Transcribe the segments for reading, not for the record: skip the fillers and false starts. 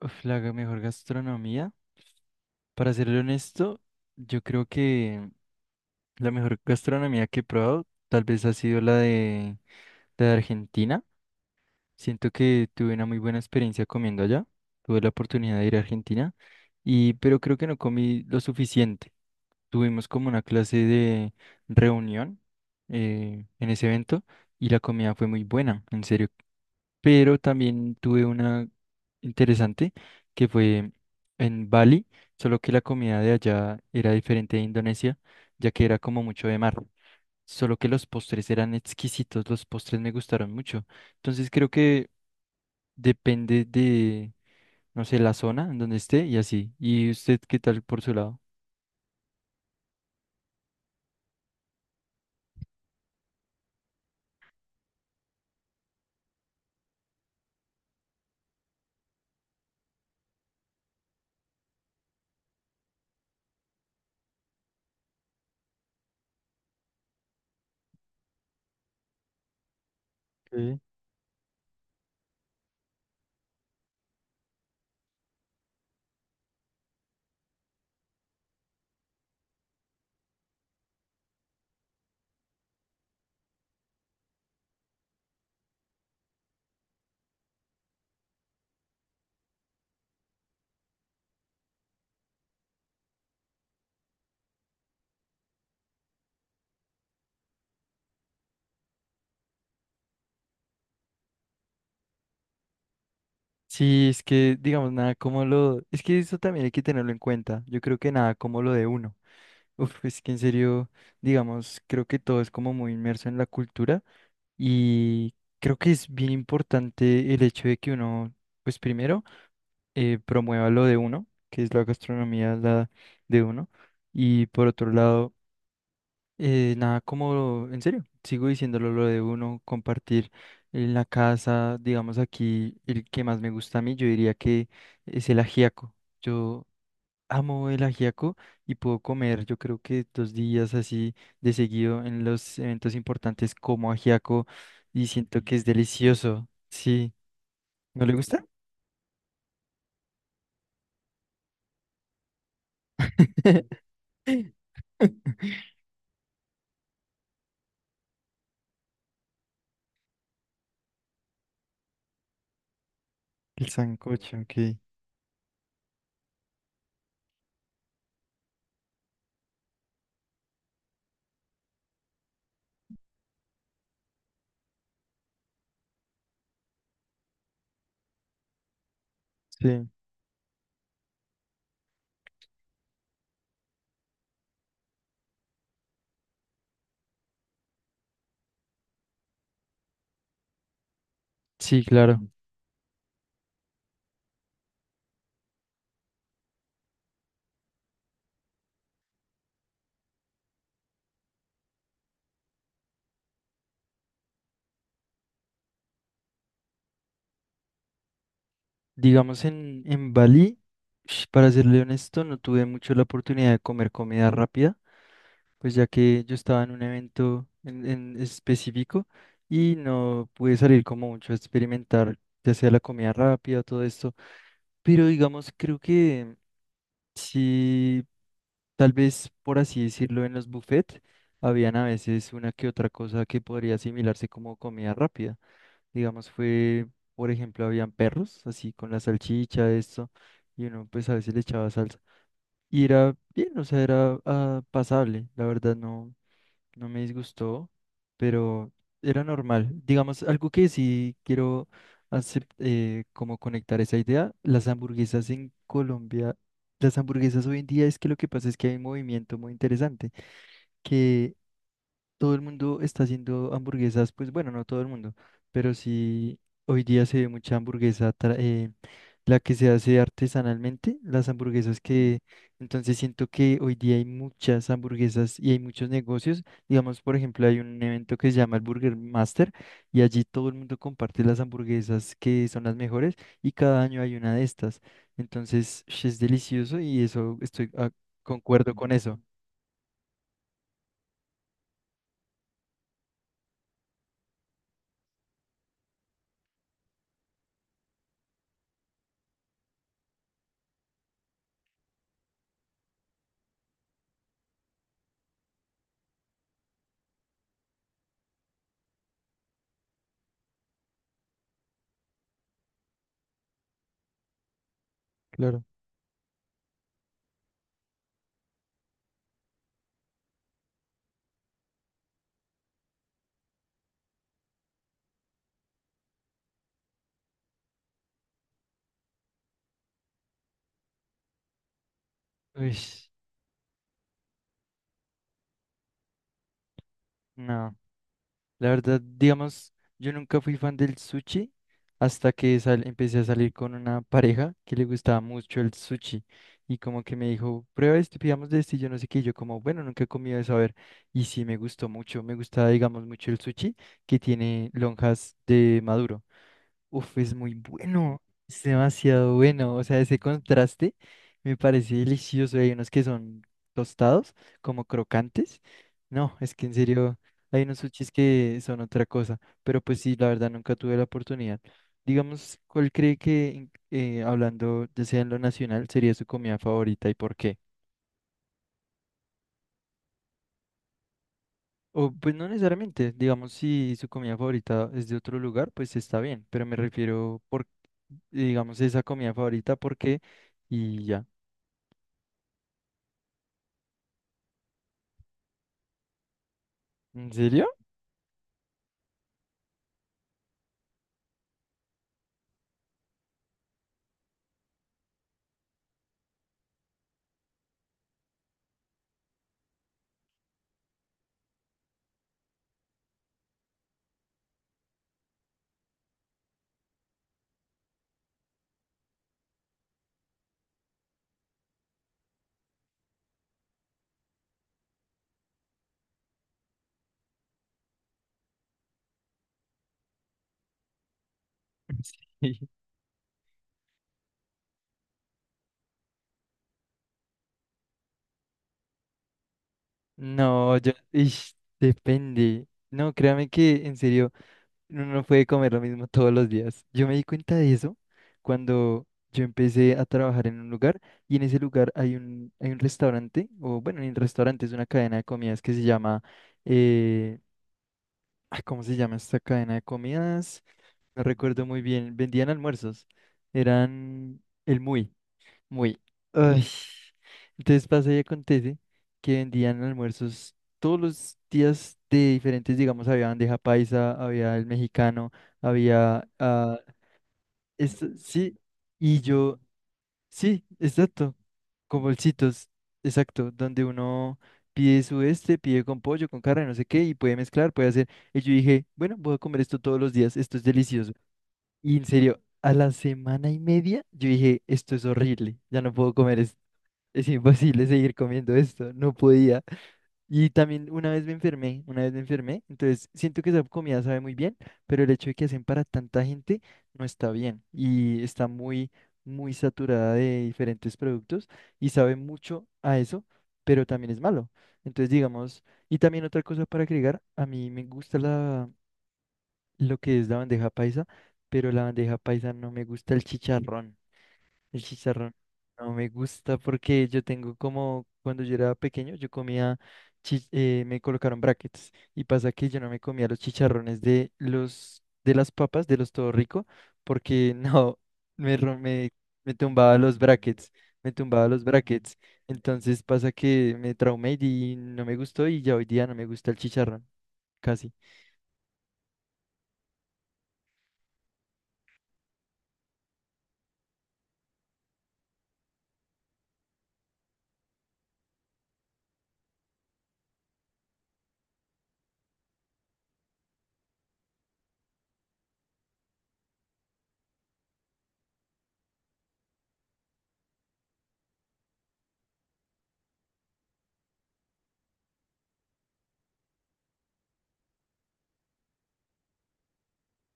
Mejor gastronomía. Para serle honesto, yo creo que la mejor gastronomía que he probado tal vez ha sido la de Argentina. Siento que tuve una muy buena experiencia comiendo allá. Tuve la oportunidad de ir a Argentina y pero creo que no comí lo suficiente. Tuvimos como una clase de reunión en ese evento y la comida fue muy buena. En serio pero también tuve una interesante que fue en Bali, solo que la comida de allá era diferente de Indonesia, ya que era como mucho de mar, solo que los postres eran exquisitos, los postres me gustaron mucho. Entonces creo que depende de, no sé, la zona en donde esté y así. ¿Y usted qué tal por su lado? Sí, es que, digamos, nada como lo... Es que eso también hay que tenerlo en cuenta. Yo creo que nada como lo de uno. Uf, es que en serio, digamos, creo que todo es como muy inmerso en la cultura y creo que es bien importante el hecho de que uno, pues primero, promueva lo de uno, que es la gastronomía la de uno, y por otro lado, nada, como en serio, sigo diciéndolo lo de uno, compartir en la casa, digamos aquí, el que más me gusta a mí, yo diría que es el ajiaco. Yo amo el ajiaco y puedo comer, yo creo que dos días así de seguido en los eventos importantes como ajiaco y siento que es delicioso. Sí, ¿no le gusta? El sancocho, ok. Sí, sí, claro. Digamos en Bali, para serle honesto, no tuve mucho la oportunidad de comer comida rápida, pues ya que yo estaba en un evento en específico y no pude salir como mucho a experimentar, ya sea la comida rápida, todo esto. Pero digamos, creo que sí, tal vez por así decirlo, en los buffets, habían a veces una que otra cosa que podría asimilarse como comida rápida. Digamos, fue, por ejemplo, habían perros, así con la salchicha, esto, y uno pues a veces le echaba salsa. Y era bien, o sea, era pasable, la verdad no, no me disgustó, pero era normal. Digamos, algo que sí quiero hacer, como conectar esa idea, las hamburguesas en Colombia, las hamburguesas hoy en día es que lo que pasa es que hay un movimiento muy interesante, que todo el mundo está haciendo hamburguesas, pues bueno, no todo el mundo, pero sí hoy día se ve mucha hamburguesa, la que se hace artesanalmente, las hamburguesas que, entonces siento que hoy día hay muchas hamburguesas y hay muchos negocios, digamos, por ejemplo, hay un evento que se llama el Burger Master y allí todo el mundo comparte las hamburguesas que son las mejores y cada año hay una de estas, entonces es delicioso y eso estoy concuerdo con eso. Claro. Uy, no. La verdad, digamos, yo nunca fui fan del sushi hasta que empecé a salir con una pareja que le gustaba mucho el sushi y como que me dijo, prueba esto, pidamos de este y yo no sé qué, y yo como, bueno, nunca he comido eso, a ver, y sí me gustó mucho, me gustaba, digamos, mucho el sushi que tiene lonjas de maduro. Uf, es muy bueno, es demasiado bueno. O sea, ese contraste me parece delicioso. Hay unos que son tostados, como crocantes. No, es que en serio, hay unos sushis que son otra cosa. Pero pues sí, la verdad nunca tuve la oportunidad. Digamos, ¿cuál cree que, hablando ya sea en lo nacional, sería su comida favorita y por qué? O, pues no necesariamente, digamos, si su comida favorita es de otro lugar, pues está bien, pero me refiero por, digamos, esa comida favorita porque y ya. ¿En serio? Sí. No, yo, depende. No, créame que en serio, uno no puede comer lo mismo todos los días. Yo me di cuenta de eso cuando yo empecé a trabajar en un lugar y en ese lugar hay un restaurante, o bueno, ni un restaurante, es una cadena de comidas que se llama, eh, ay, ¿cómo se llama esta cadena de comidas? No recuerdo muy bien. Vendían almuerzos. Eran el Muy, Muy. Ay. Entonces pasa y acontece que vendían almuerzos todos los días de diferentes, digamos, había bandeja paisa, había el mexicano, había... esto, sí, y yo... Sí, exacto. Con bolsitos, exacto, donde uno pide su este, pide con pollo, con carne, no sé qué, y puede mezclar, puede hacer. Y yo dije, bueno, voy a comer esto todos los días, esto es delicioso. Y en serio, a la semana y media, yo dije, esto es horrible, ya no puedo comer esto, es imposible seguir comiendo esto, no podía. Y también una vez me enfermé, una vez me enfermé, entonces siento que esa comida sabe muy bien, pero el hecho de que hacen para tanta gente no está bien y está muy, muy saturada de diferentes productos y sabe mucho a eso, pero también es malo. Entonces, digamos, y también otra cosa para agregar, a mí me gusta la, lo que es la bandeja paisa, pero la bandeja paisa no me gusta el chicharrón. El chicharrón no me gusta porque yo tengo como, cuando yo era pequeño, yo comía, me colocaron brackets y pasa que yo no me comía los chicharrones de de las papas, de los Todo Rico, porque no, me, me tumbaba los brackets, me tumbaba los brackets. Entonces pasa que me traumé y no me gustó y ya hoy día no me gusta el chicharrón, casi.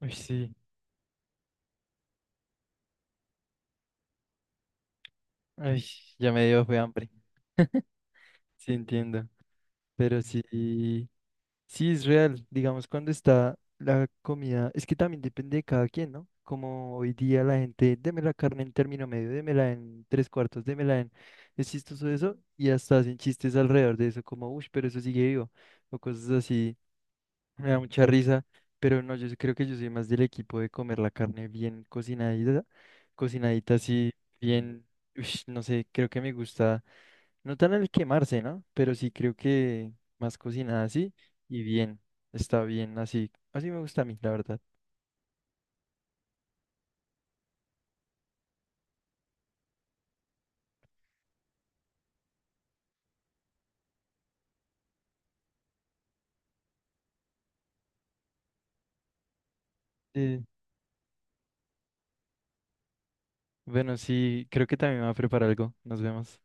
Uy, sí, ay, ya me dio fue hambre, sí entiendo, pero sí. Sí, es real. Digamos, cuando está la comida, es que también depende de cada quien, ¿no? Como hoy día la gente, deme la carne en término medio, démela en tres cuartos, démela en... Es chistoso eso y hasta hacen chistes alrededor de eso, como, uff, pero eso sigue vivo, o cosas así. Me da mucha risa, pero no, yo sí creo que yo soy más del equipo de comer la carne bien cocinadita, cocinadita así, bien, ush, no sé, creo que me gusta. No tan al quemarse, ¿no? Pero sí creo que más cocinada así y bien, está bien así. Así me gusta a mí, la verdad. Eh, bueno, sí, creo que también me va a preparar algo. Nos vemos.